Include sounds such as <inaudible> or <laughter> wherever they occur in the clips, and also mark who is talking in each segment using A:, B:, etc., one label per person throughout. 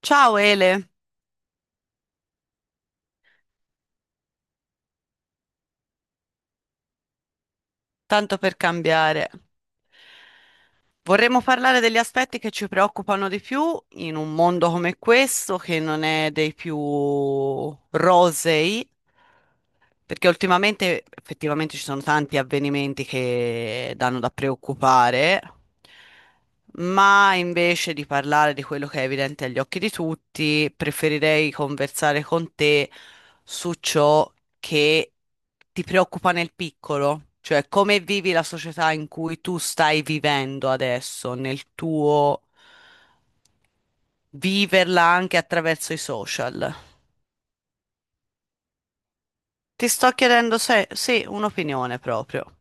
A: Ciao Ele, tanto per cambiare. Vorremmo parlare degli aspetti che ci preoccupano di più in un mondo come questo, che non è dei più rosei, perché ultimamente effettivamente ci sono tanti avvenimenti che danno da preoccupare, ma invece di parlare di quello che è evidente agli occhi di tutti, preferirei conversare con te su ciò che ti preoccupa nel piccolo, cioè come vivi la società in cui tu stai vivendo adesso, nel tuo viverla anche attraverso i social. Ti sto chiedendo se, sì, un'opinione proprio.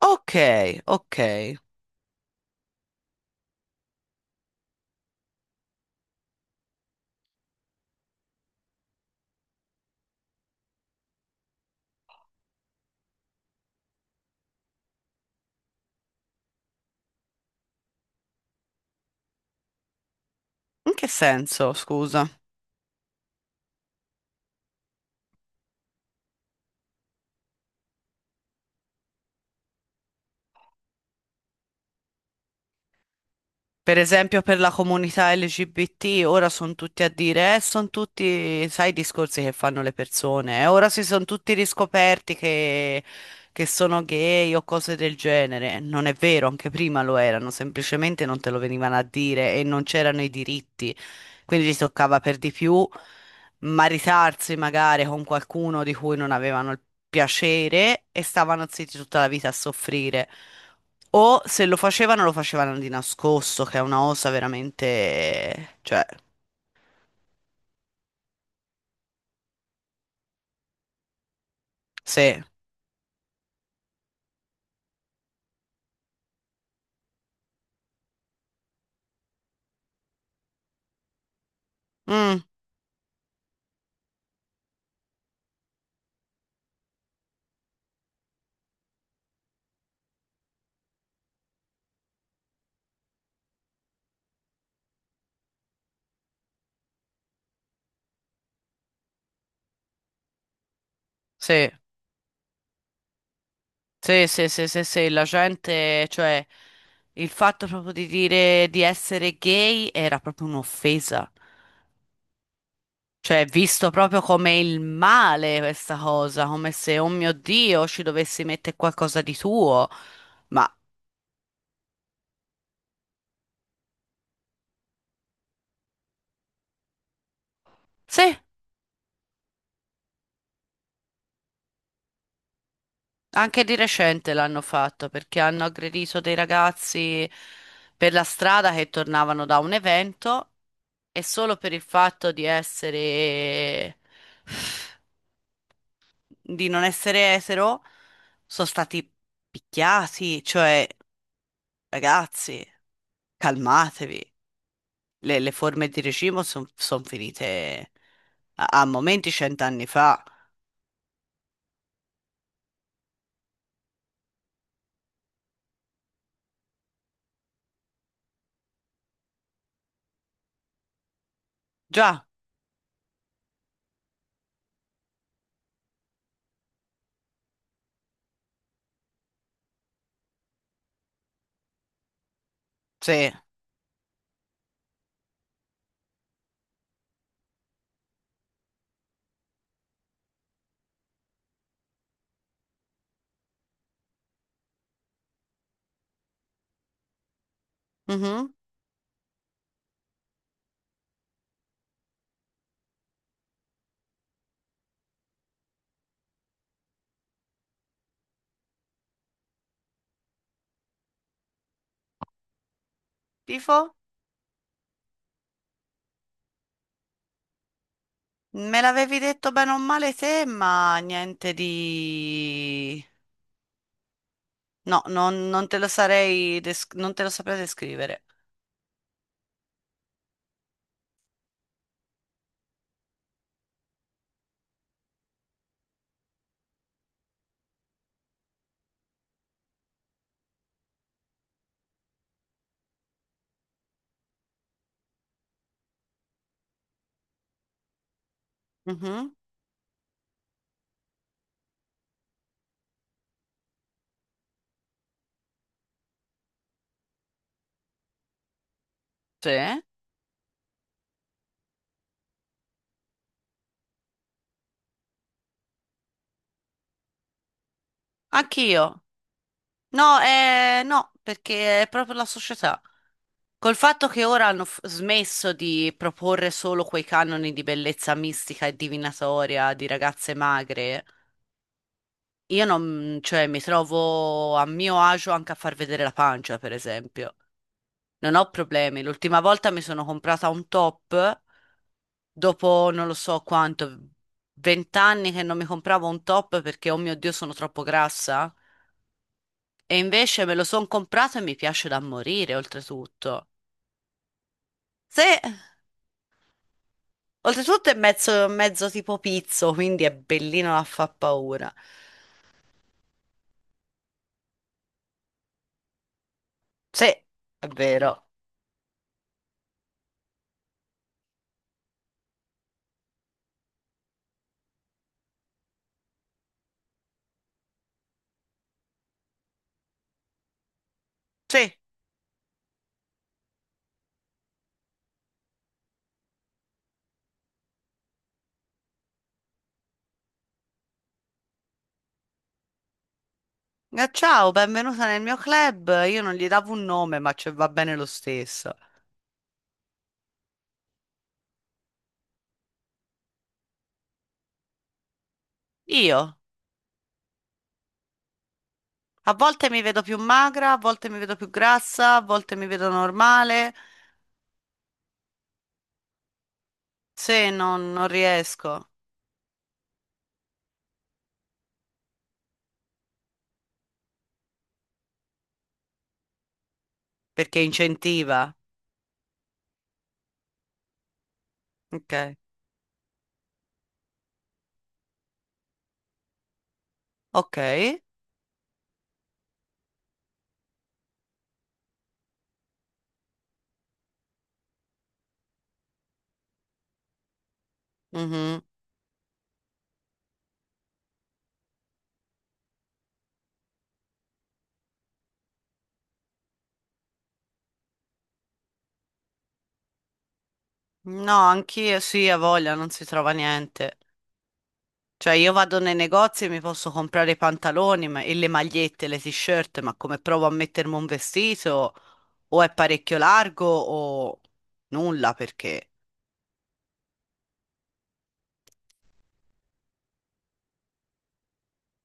A: Ok, ok. In che senso, scusa? Per esempio per la comunità LGBT ora sono tutti a dire, sono tutti, sai, i discorsi che fanno le persone, ora si sono tutti riscoperti che sono gay o cose del genere. Non è vero, anche prima lo erano, semplicemente non te lo venivano a dire e non c'erano i diritti, quindi gli toccava per di più maritarsi magari con qualcuno di cui non avevano il piacere e stavano zitti tutta la vita a soffrire. O se lo facevano, lo facevano di nascosto, che è una osa veramente... Cioè, sì. Mm, sì. Sì, sì, sì, sì, sì, la gente, cioè, il fatto proprio di dire di essere gay era proprio un'offesa. Cioè, visto proprio come il male questa cosa, come se, oh mio Dio, ci dovessi mettere qualcosa di tuo. Ma sì, anche di recente l'hanno fatto perché hanno aggredito dei ragazzi per la strada che tornavano da un evento e solo per il fatto di essere, di non essere etero, sono stati picchiati. Cioè, ragazzi, calmatevi. Le forme di regime sono finite a, a momenti 100 anni fa. Già, sì. Mhm. Tifo? Me l'avevi detto bene o male te, ma niente di... No, non te lo sarei des- non te lo saprei descrivere. Mhm, sì, anch'io. No, no, perché è proprio la società. Col fatto che ora hanno f- smesso di proporre solo quei canoni di bellezza mistica e divinatoria di ragazze magre, io non, cioè, mi trovo a mio agio anche a far vedere la pancia, per esempio. Non ho problemi. L'ultima volta mi sono comprata un top dopo non lo so quanto, 20 anni che non mi compravo un top perché, oh mio Dio, sono troppo grassa. E invece me lo sono comprato e mi piace da morire, oltretutto. Se, oltretutto è mezzo, mezzo tipo pizzo, quindi è bellino da fa paura. Sì, è vero. Sì. Ciao, benvenuta nel mio club. Io non gli davo un nome, ma ci va bene lo stesso. Io? A volte mi vedo più magra, a volte mi vedo più grassa, a volte mi vedo normale. Se non, non riesco, perché incentiva. Ok, ok. Mhm. No, anch'io sì, a voglia, non si trova niente. Cioè, io vado nei negozi e mi posso comprare i pantaloni ma- e le magliette, le t-shirt, ma come provo a mettermi un vestito? O è parecchio largo o nulla perché.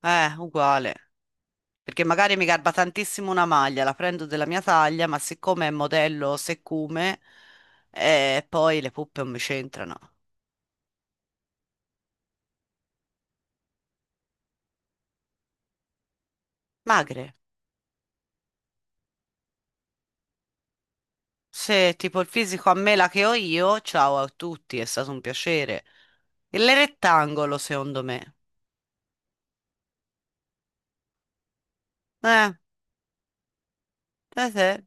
A: Uguale. Perché magari mi garba tantissimo una maglia, la prendo della mia taglia, ma siccome è modello siccome, poi le puppe non mi c'entrano. Magre. Se tipo il fisico a me la che ho io, ciao a tutti, è stato un piacere. Il rettangolo, secondo me. Eh, eh.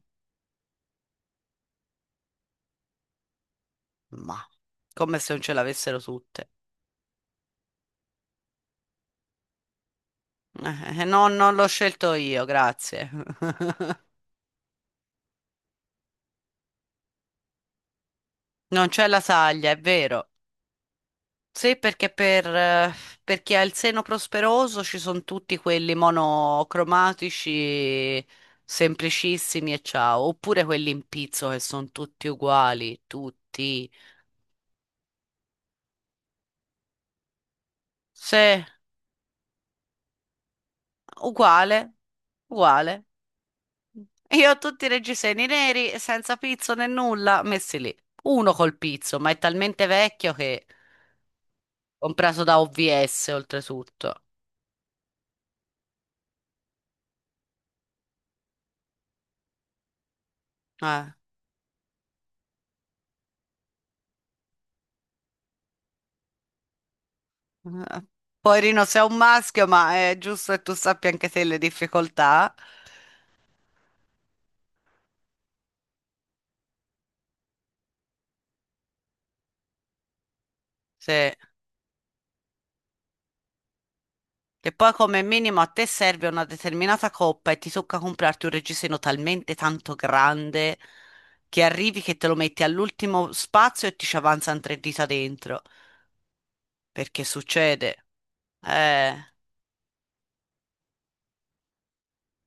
A: Ma come se non ce l'avessero tutte. Eh, no, non l'ho scelto io, grazie. <laughs> Non c'è la taglia, è vero. Sì, perché per chi ha il seno prosperoso ci sono tutti quelli monocromatici, semplicissimi e ciao, oppure quelli in pizzo che sono tutti uguali, tutti. Sì, uguale, uguale. Io ho tutti i reggiseni neri, senza pizzo né nulla, messi lì. Uno col pizzo, ma è talmente vecchio che comprato da OVS oltretutto. Eh. Eh, Poverino, sei un maschio, ma è giusto che tu sappia anche te le difficoltà. Sì. Che poi come minimo a te serve una determinata coppa e ti tocca comprarti un reggiseno talmente tanto grande che arrivi che te lo metti all'ultimo spazio e ti ci avanzano 3 dita dentro. Perché succede? Eh,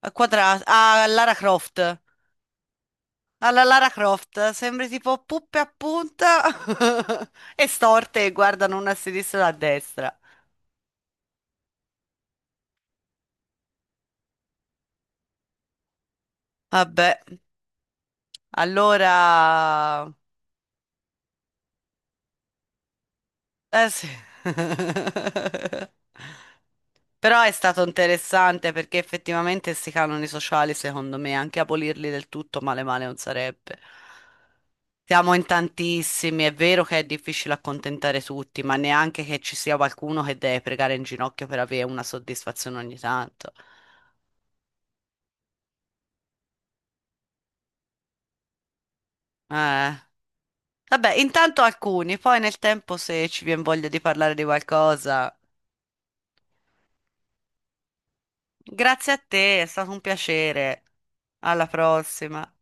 A: a quadrato. Ah, Lara Croft. Alla Lara Croft, sembri tipo puppe a punta <laughs> e storte e guardano una a sinistra e una a destra. Vabbè. Allora, eh sì. <laughs> Però è stato interessante perché effettivamente questi canoni sociali, secondo me, anche abolirli del tutto male male non sarebbe. Siamo in tantissimi, è vero che è difficile accontentare tutti, ma neanche che ci sia qualcuno che deve pregare in ginocchio per avere una soddisfazione ogni tanto. Eh. Vabbè, intanto alcuni, poi nel tempo se ci viene voglia di parlare di qualcosa. Grazie a te, è stato un piacere. Alla prossima.